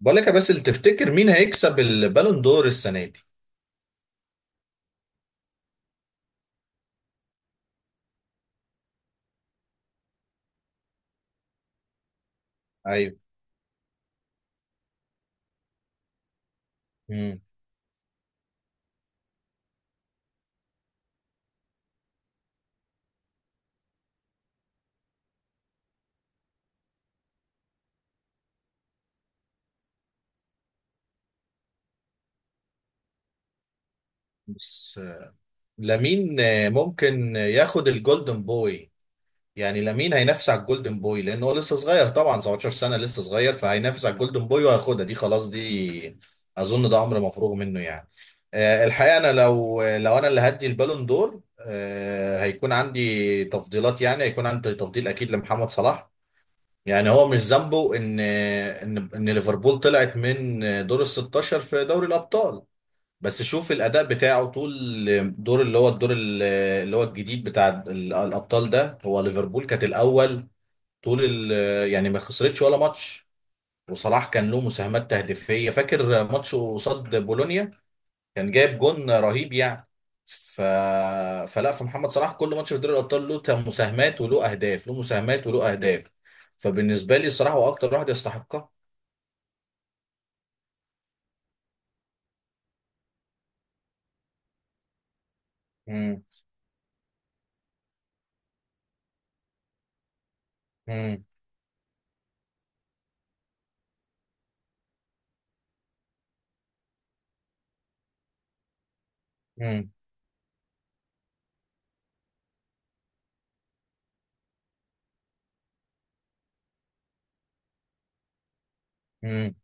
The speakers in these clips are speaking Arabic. بقول لك يا باسل، تفتكر مين هيكسب البالون دور السنه دي؟ ايوه. مم. بس لامين ممكن ياخد الجولدن بوي. يعني لامين هينافس على الجولدن بوي لان هو لسه صغير، طبعا 17 سنه لسه صغير، فهينافس على الجولدن بوي وهياخدها دي، خلاص دي اظن ده امر مفروغ منه يعني. الحقيقه انا لو انا اللي هدي البالون دور، هيكون عندي تفضيلات، يعني هيكون عندي تفضيل اكيد لمحمد صلاح. يعني هو مش ذنبه ان ليفربول طلعت من دور ال 16 في دوري الابطال. بس شوف الاداء بتاعه طول دور اللي هو الدور اللي هو الجديد بتاع الابطال ده. هو ليفربول كانت الاول طول يعني ما خسرتش ولا ماتش. وصلاح كان له مساهمات تهديفيه، فاكر ماتش قصاد بولونيا كان جايب جون رهيب يعني. ف... فمحمد صلاح كل ماتش في دوري الابطال له مساهمات وله اهداف، له مساهمات وله اهداف. فبالنسبه لي الصراحه هو اكتر واحد يستحقها. امم. امم. امم. امم.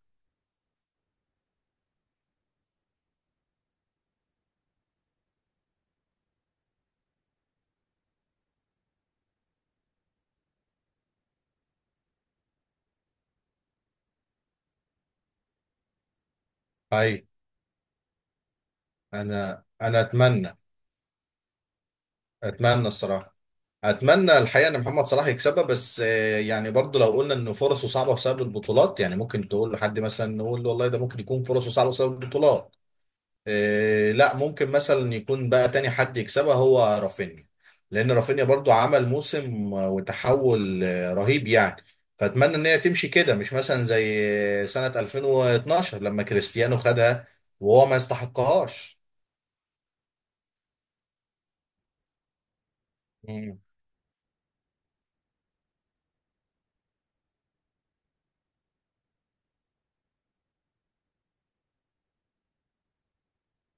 اي. انا اتمنى. اتمنى الصراحه. اتمنى الحقيقه ان محمد صلاح يكسبها. بس يعني برضو لو قلنا ان فرصه صعبه بسبب البطولات، يعني ممكن تقول لحد مثلا نقول له والله ده ممكن يكون فرصه صعبه بسبب البطولات. إيه، لا ممكن مثلا يكون بقى تاني حد يكسبها هو رافينيا. لان رافينيا برضو عمل موسم وتحول رهيب يعني. فاتمنى ان هي تمشي كده، مش مثلا زي سنة 2012 لما كريستيانو خدها وهو ما يستحقهاش. مم.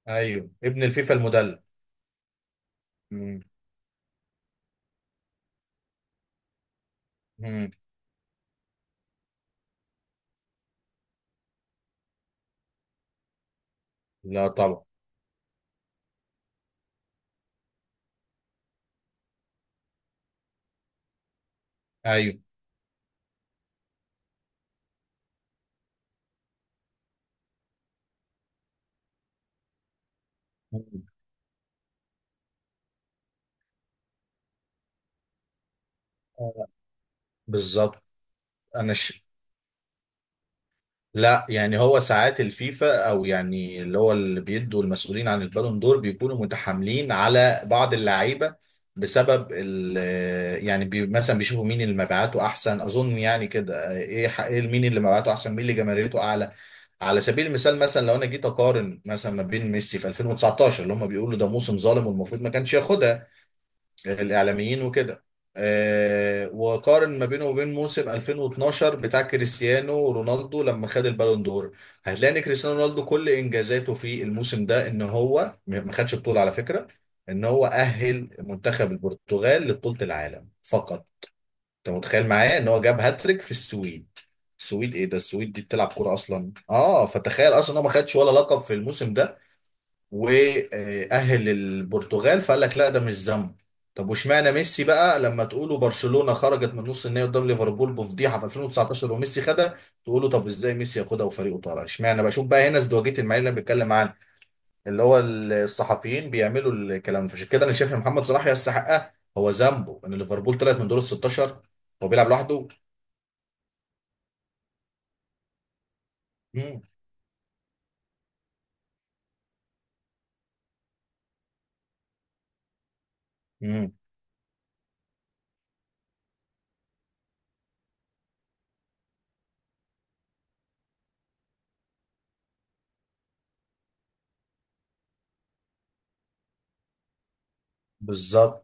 ايوه، ابن الفيفا المدلل. مم. مم. لا طبعا. ايوه. مم. آه، بالظبط. انا ش... لا، يعني هو ساعات الفيفا او يعني اللي هو اللي بيدوا المسؤولين عن البالون دور بيكونوا متحاملين على بعض اللعيبه بسبب يعني مثلا بيشوفوا مين اللي مبيعاته احسن. اظن يعني كده ايه مين اللي مبيعاته احسن، مين اللي جماهيريته اعلى. على سبيل المثال، مثلا لو انا جيت اقارن مثلا ما بين ميسي في 2019 اللي هم بيقولوا ده موسم ظالم والمفروض ما كانش ياخدها الاعلاميين وكده، وقارن ما بينه وبين موسم 2012 بتاع كريستيانو رونالدو لما خد البالون دور. هتلاقي ان كريستيانو رونالدو كل انجازاته في الموسم ده ان هو ما خدش بطولة على فكرة. ان هو اهل منتخب البرتغال لبطولة العالم فقط. انت متخيل معايا ان هو جاب هاتريك في السويد؟ السويد؟ ايه ده؟ السويد دي بتلعب كورة اصلا؟ اه، فتخيل اصلا ان هو ما خدش ولا لقب في الموسم ده، واهل البرتغال. فقال لك لا، ده مش ذنب. طب واشمعنى ميسي بقى لما تقولوا برشلونة خرجت من نص النهائي قدام ليفربول بفضيحة في 2019 وميسي خدها؟ تقولوا طب ازاي ميسي ياخدها وفريقه طالع. اشمعنى؟ بشوف بقى هنا ازدواجية المعايير اللي أنا بتكلم عنها، اللي هو الصحفيين بيعملوا الكلام. فعشان كده انا شايف ان محمد صلاح يستحقها. هو ذنبه ان ليفربول طلعت من دور ال 16؟ هو بيلعب لوحده؟ مم. مم. بالظبط.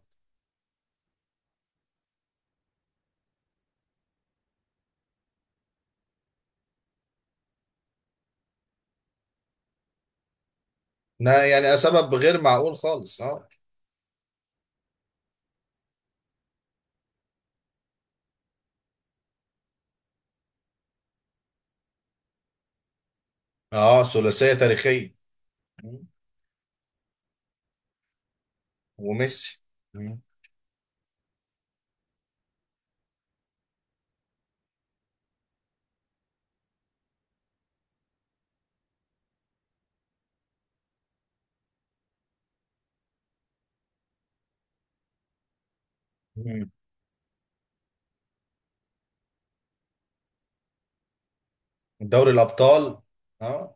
يعني سبب غير معقول خالص، اه. اه، ثلاثية تاريخية. وميسي. مم. مم. دوري الابطال. اه.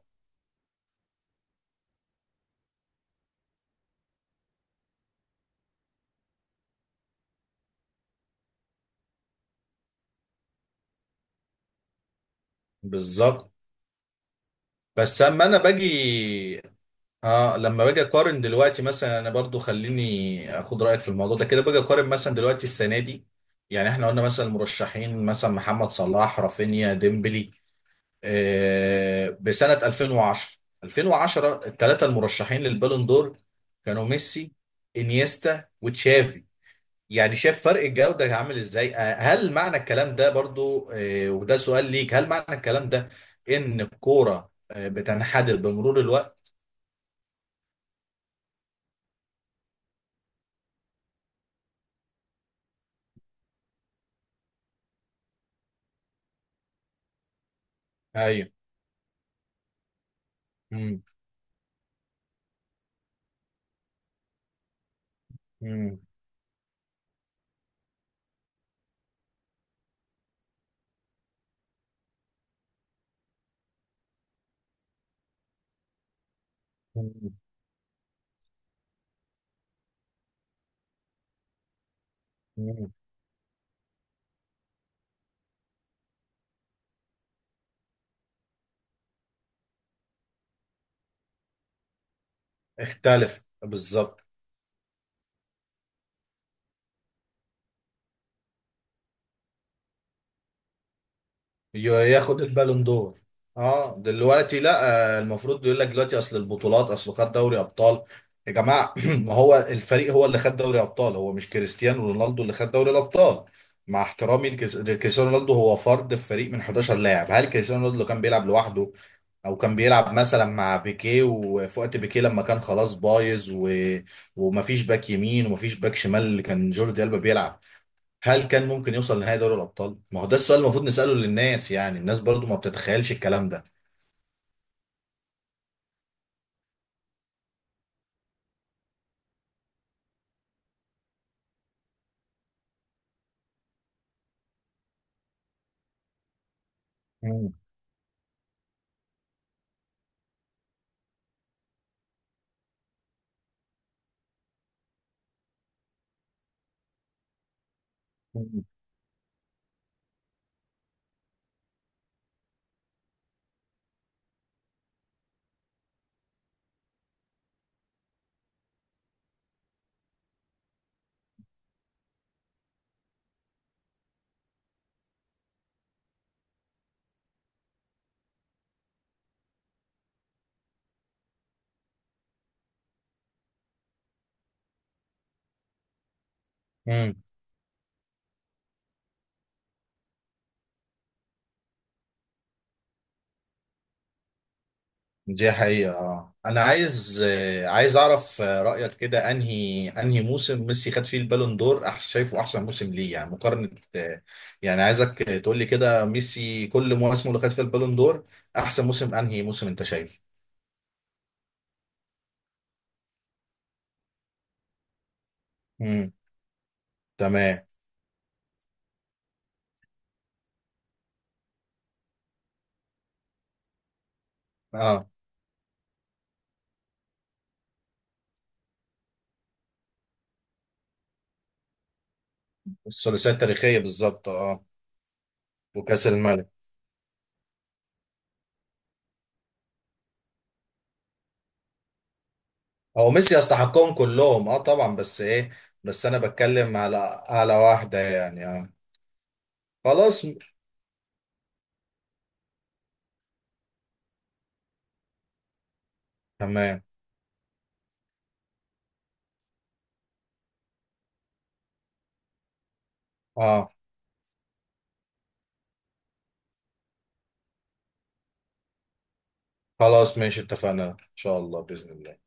بالظبط. بس اما انا باجي. اه، لما باجي اقارن دلوقتي مثلا، انا برضو خليني اخد رايك في الموضوع ده كده. باجي اقارن مثلا دلوقتي السنه دي، يعني احنا قلنا مثلا المرشحين مثلا محمد صلاح رافينيا ديمبلي. بسنه 2010، 2010 الثلاثه المرشحين للبالون دور كانوا ميسي، انيستا، وتشافي. يعني شايف فرق الجودة عامل ازاي؟ هل معنى الكلام ده برضو، وده سؤال ليك، هل معنى الكلام ده ان الكورة بتنحدر بمرور الوقت؟ ايوه. مم. مم. مم. مم. اختلف بالظبط. ياخد البالون دور؟ اه، دلوقتي لا. المفروض يقول لك دلوقتي اصل البطولات، اصل خد دوري ابطال. يا جماعه، ما هو الفريق هو اللي خد دوري ابطال. هو مش كريستيانو رونالدو اللي خد دوري الابطال، مع احترامي لكريستيانو رونالدو. هو فرد في فريق من 11 لاعب. هل كريستيانو رونالدو لو كان بيلعب لوحده، او كان بيلعب مثلا مع بيكيه، وفي وقت بيكيه لما كان خلاص بايظ ومفيش باك يمين ومفيش باك شمال اللي كان جوردي ألبا بيلعب، هل كان ممكن يوصل لنهائي دوري الابطال؟ ما هو ده السؤال المفروض نساله للناس. يعني الناس برضو ما بتتخيلش الكلام ده. مم. مم. امم. دي حقيقة. انا عايز عايز اعرف رأيك كده، انهي موسم ميسي خد فيه البالون دور شايفه احسن موسم ليه، يعني مقارنة. آه، يعني عايزك تقول لي كده، ميسي كل مواسمه اللي خد فيها البالون دور، احسن موسم انهي موسم انت شايفه. امم. تمام. اه، الثلاثية التاريخية بالظبط، اه. وكأس الملك. هو ميسي يستحقهم كلهم، اه طبعا، بس ايه. بس انا بتكلم على، على واحدة، يعني اه. خلاص تمام. اه. خلاص ماشي، اتفقنا ان شاء الله بإذن الله.